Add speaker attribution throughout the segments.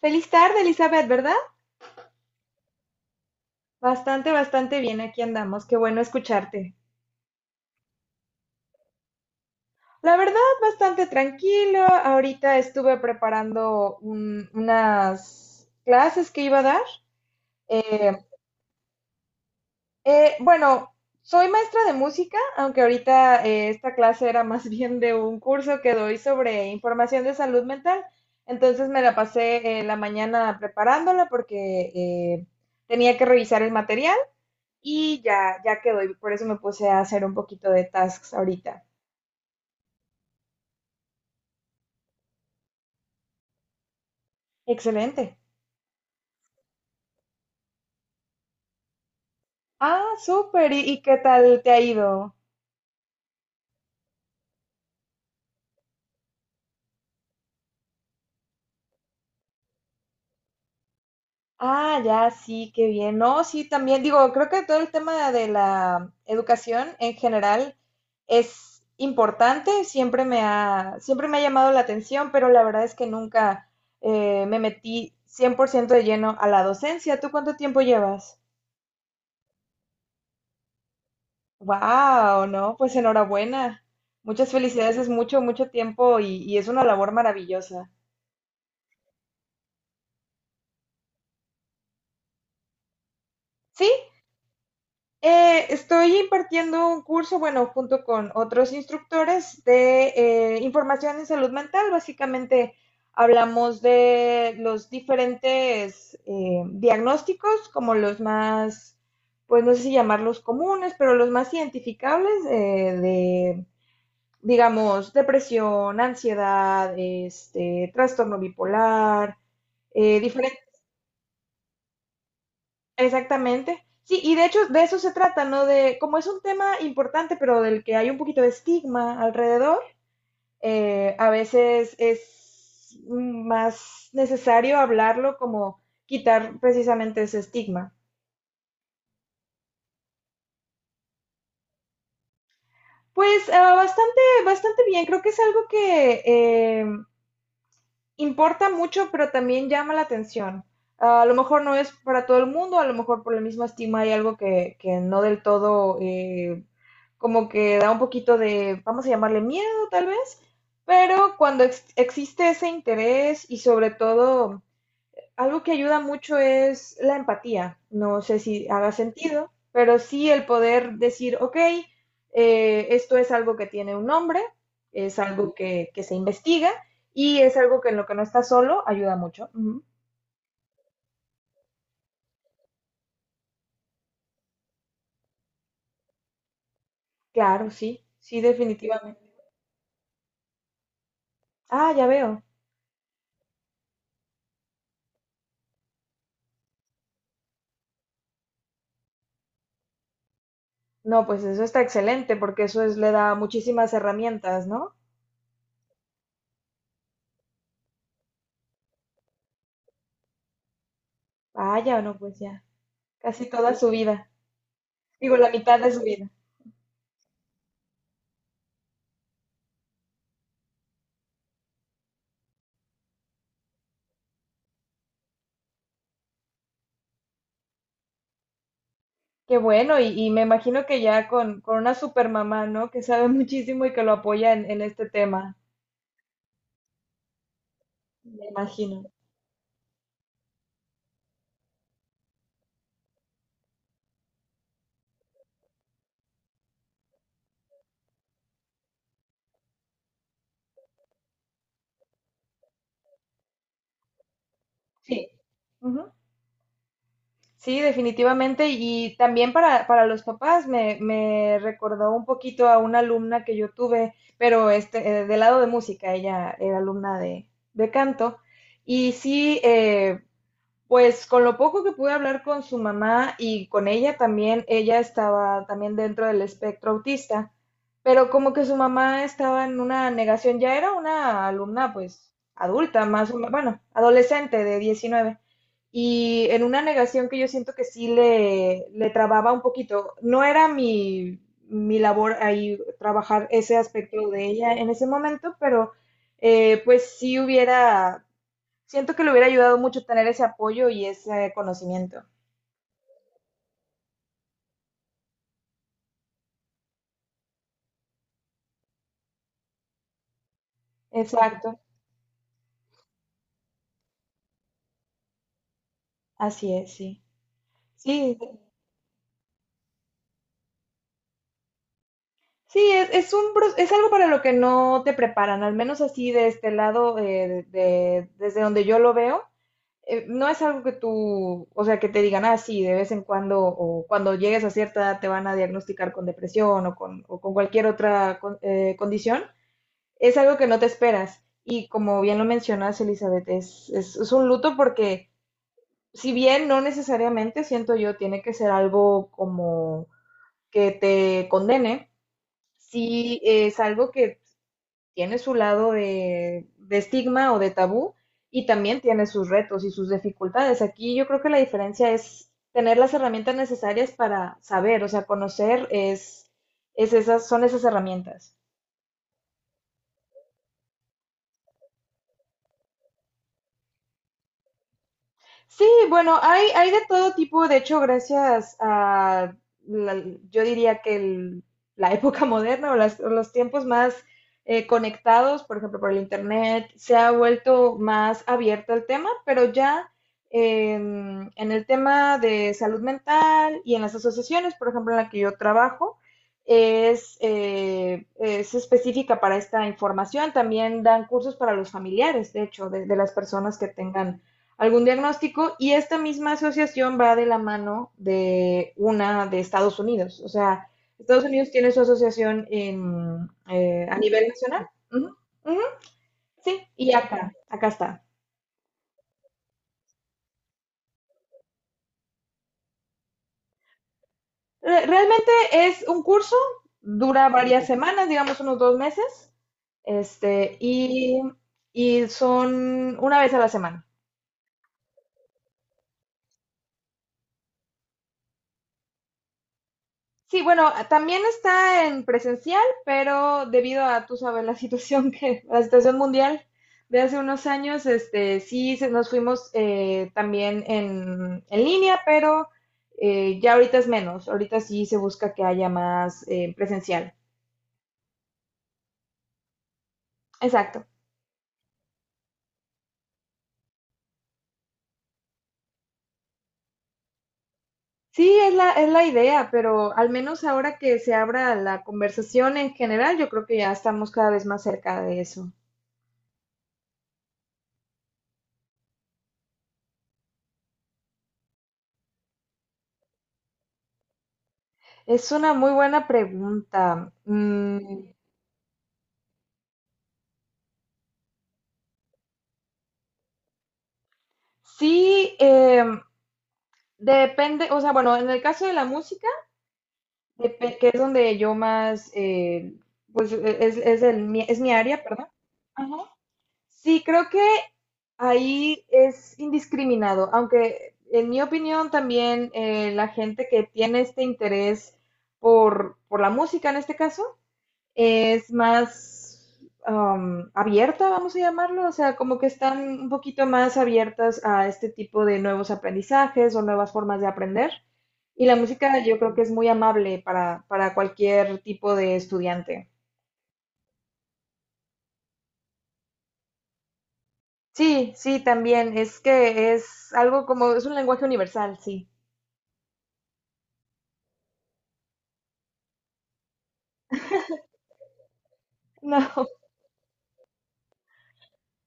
Speaker 1: Feliz tarde, Elizabeth, ¿verdad? Bastante, bastante bien, aquí andamos. Qué bueno escucharte. La verdad, bastante tranquilo. Ahorita estuve preparando unas clases que iba a dar. Eh, bueno, soy maestra de música, aunque ahorita esta clase era más bien de un curso que doy sobre información de salud mental. Entonces me la pasé la mañana preparándola porque tenía que revisar el material y ya, ya quedó. Y por eso me puse a hacer un poquito de tasks ahorita. Excelente. Ah, súper. Y qué tal te ha ido? Ah, ya, sí, qué bien. No, sí, también digo, creo que todo el tema de la educación en general es importante, siempre me ha llamado la atención, pero la verdad es que nunca me metí 100% de lleno a la docencia. ¿Tú cuánto tiempo llevas? Wow, no, pues enhorabuena. Muchas felicidades, es mucho, mucho tiempo y es una labor maravillosa. Sí, estoy impartiendo un curso, bueno, junto con otros instructores de información en salud mental. Básicamente hablamos de los diferentes diagnósticos, como los más, pues no sé si llamarlos comunes, pero los más identificables digamos, depresión, ansiedad, este, trastorno bipolar, eh, diferente, exactamente. Sí, y de hecho de eso se trata, ¿no? De, como es un tema importante, pero del que hay un poquito de estigma alrededor, a veces es más necesario hablarlo, como quitar precisamente ese estigma. Pues bastante, bastante bien, creo que es algo que eh, importa mucho, pero también llama la atención. Ah, A lo mejor no es para todo el mundo, a lo mejor por el mismo estigma hay algo que no del todo, como que da un poquito de, vamos a llamarle miedo tal vez, pero cuando existe ese interés, y sobre todo algo que ayuda mucho es la empatía. No sé si haga sentido, pero sí, el poder decir, ok, esto es algo que tiene un nombre, es algo que se investiga y es algo que en lo que no está solo ayuda mucho. Ujú. Claro, sí, sí, definitivamente. Ah, ya veo. No, pues eso está excelente porque eso es, le da muchísimas herramientas, ¿no? Vaya, no, pues ya, casi toda su vida. Digo, la mitad de su vida. Qué bueno, y me imagino que ya con una super mamá, ¿no? Que sabe muchísimo y que lo apoya en este tema, me imagino. Sí. Ujú. Sí, definitivamente. Y también para los papás me, me recordó un poquito a una alumna que yo tuve, pero este, del lado de música, ella era alumna de canto. Y sí, pues con lo poco que pude hablar con su mamá y con ella también, ella estaba también dentro del espectro autista, pero como que su mamá estaba en una negación. Ya era una alumna pues adulta, más o menos, bueno, adolescente de 19, y en una negación que yo siento que sí le trababa un poquito. No era mi labor ahí trabajar ese aspecto de ella en ese momento, pero pues sí hubiera siento que le hubiera ayudado mucho tener ese apoyo y ese conocimiento. Exacto, así es, sí. Sí, sí, es un, es algo para lo que no te preparan, al menos así de este lado, desde donde yo lo veo, no es algo que tú, o sea, que te digan, ah, sí, de vez en cuando o cuando llegues a cierta edad te van a diagnosticar con depresión o con cualquier otra condición, es algo que no te esperas. Y como bien lo mencionas, Elizabeth, es un luto porque, si bien no necesariamente, siento yo, tiene que ser algo como que te condene, sí es algo que tiene su lado de estigma o de tabú, y también tiene sus retos y sus dificultades. Aquí yo creo que la diferencia es tener las herramientas necesarias para saber, o sea, conocer es esas, son esas herramientas. Sí, bueno, hay de todo tipo. De hecho, gracias a, la- yo diría que la época moderna, o o los tiempos más conectados, por ejemplo, por el Internet, se ha vuelto más abierto el tema. Pero ya en el tema de salud mental y en las asociaciones, por ejemplo, en la que yo trabajo, es específica para esta información. También dan cursos para los familiares, de hecho, de las personas que tengan algún diagnóstico, y esta misma asociación va de la mano de una de Estados Unidos. O sea, Estados Unidos tiene su asociación en, a nivel nacional. Uh -huh, uh -huh, sí, y acá, acá está. Realmente es un curso, dura varias semanas, digamos unos 2 meses, este, y son una vez a la semana. Sí, bueno, también está en presencial, pero debido a, tú sabes, la situación que, la situación mundial de hace unos años, este, sí nos fuimos también en línea, pero ya ahorita es menos. Ahorita sí se busca que haya más presencial. Exacto. Sí, es la idea, pero al menos ahora que se abra la conversación en general, yo creo que ya estamos cada vez más cerca de eso. Es una muy buena pregunta. Mm, sí, depende, o sea, bueno, en el caso de la música, que es donde yo más, es mi área, perdón. Ajá. Sí, creo que ahí es indiscriminado, aunque en mi opinión también la gente que tiene este interés por la música en este caso, es más abierta, vamos a llamarlo, o sea, como que están un poquito más abiertas a este tipo de nuevos aprendizajes o nuevas formas de aprender. Y la música yo creo que es muy amable para cualquier tipo de estudiante. Sí, sí, también. Es que es algo como, es un lenguaje universal, sí.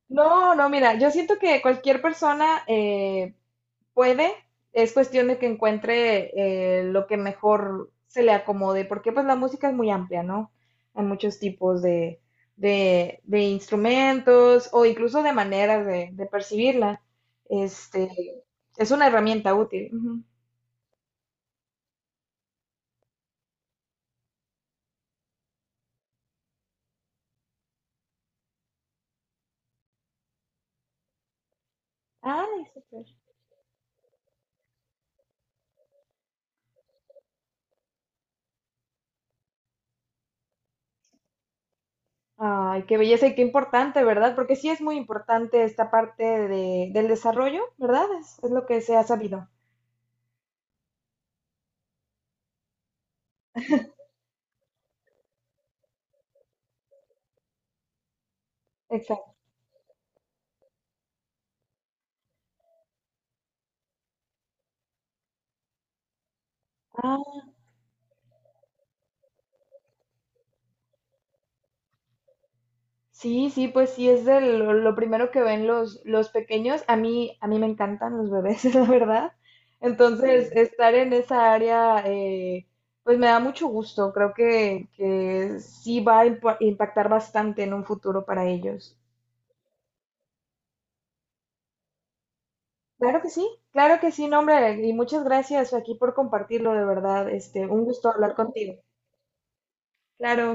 Speaker 1: No, no, no, mira, yo siento que cualquier persona puede, es cuestión de que encuentre lo que mejor se le acomode, porque pues la música es muy amplia, ¿no? Hay muchos tipos de instrumentos o incluso de maneras de percibirla. Este, es una herramienta útil. Ujú. Ay, súper. Ay, qué belleza, y qué importante, ¿verdad? Porque sí es muy importante esta parte del desarrollo, ¿verdad? Es lo que se ha sabido. Exacto. Sí, sí, pues sí, es de lo primero que ven los pequeños. A mí me encantan los bebés, la verdad. Entonces, sí, estar en esa área, pues me da mucho gusto. Creo que sí va a impactar bastante en un futuro para ellos. Claro que sí, no, hombre, y muchas gracias aquí por compartirlo, de verdad. Este, un gusto hablar contigo. Claro.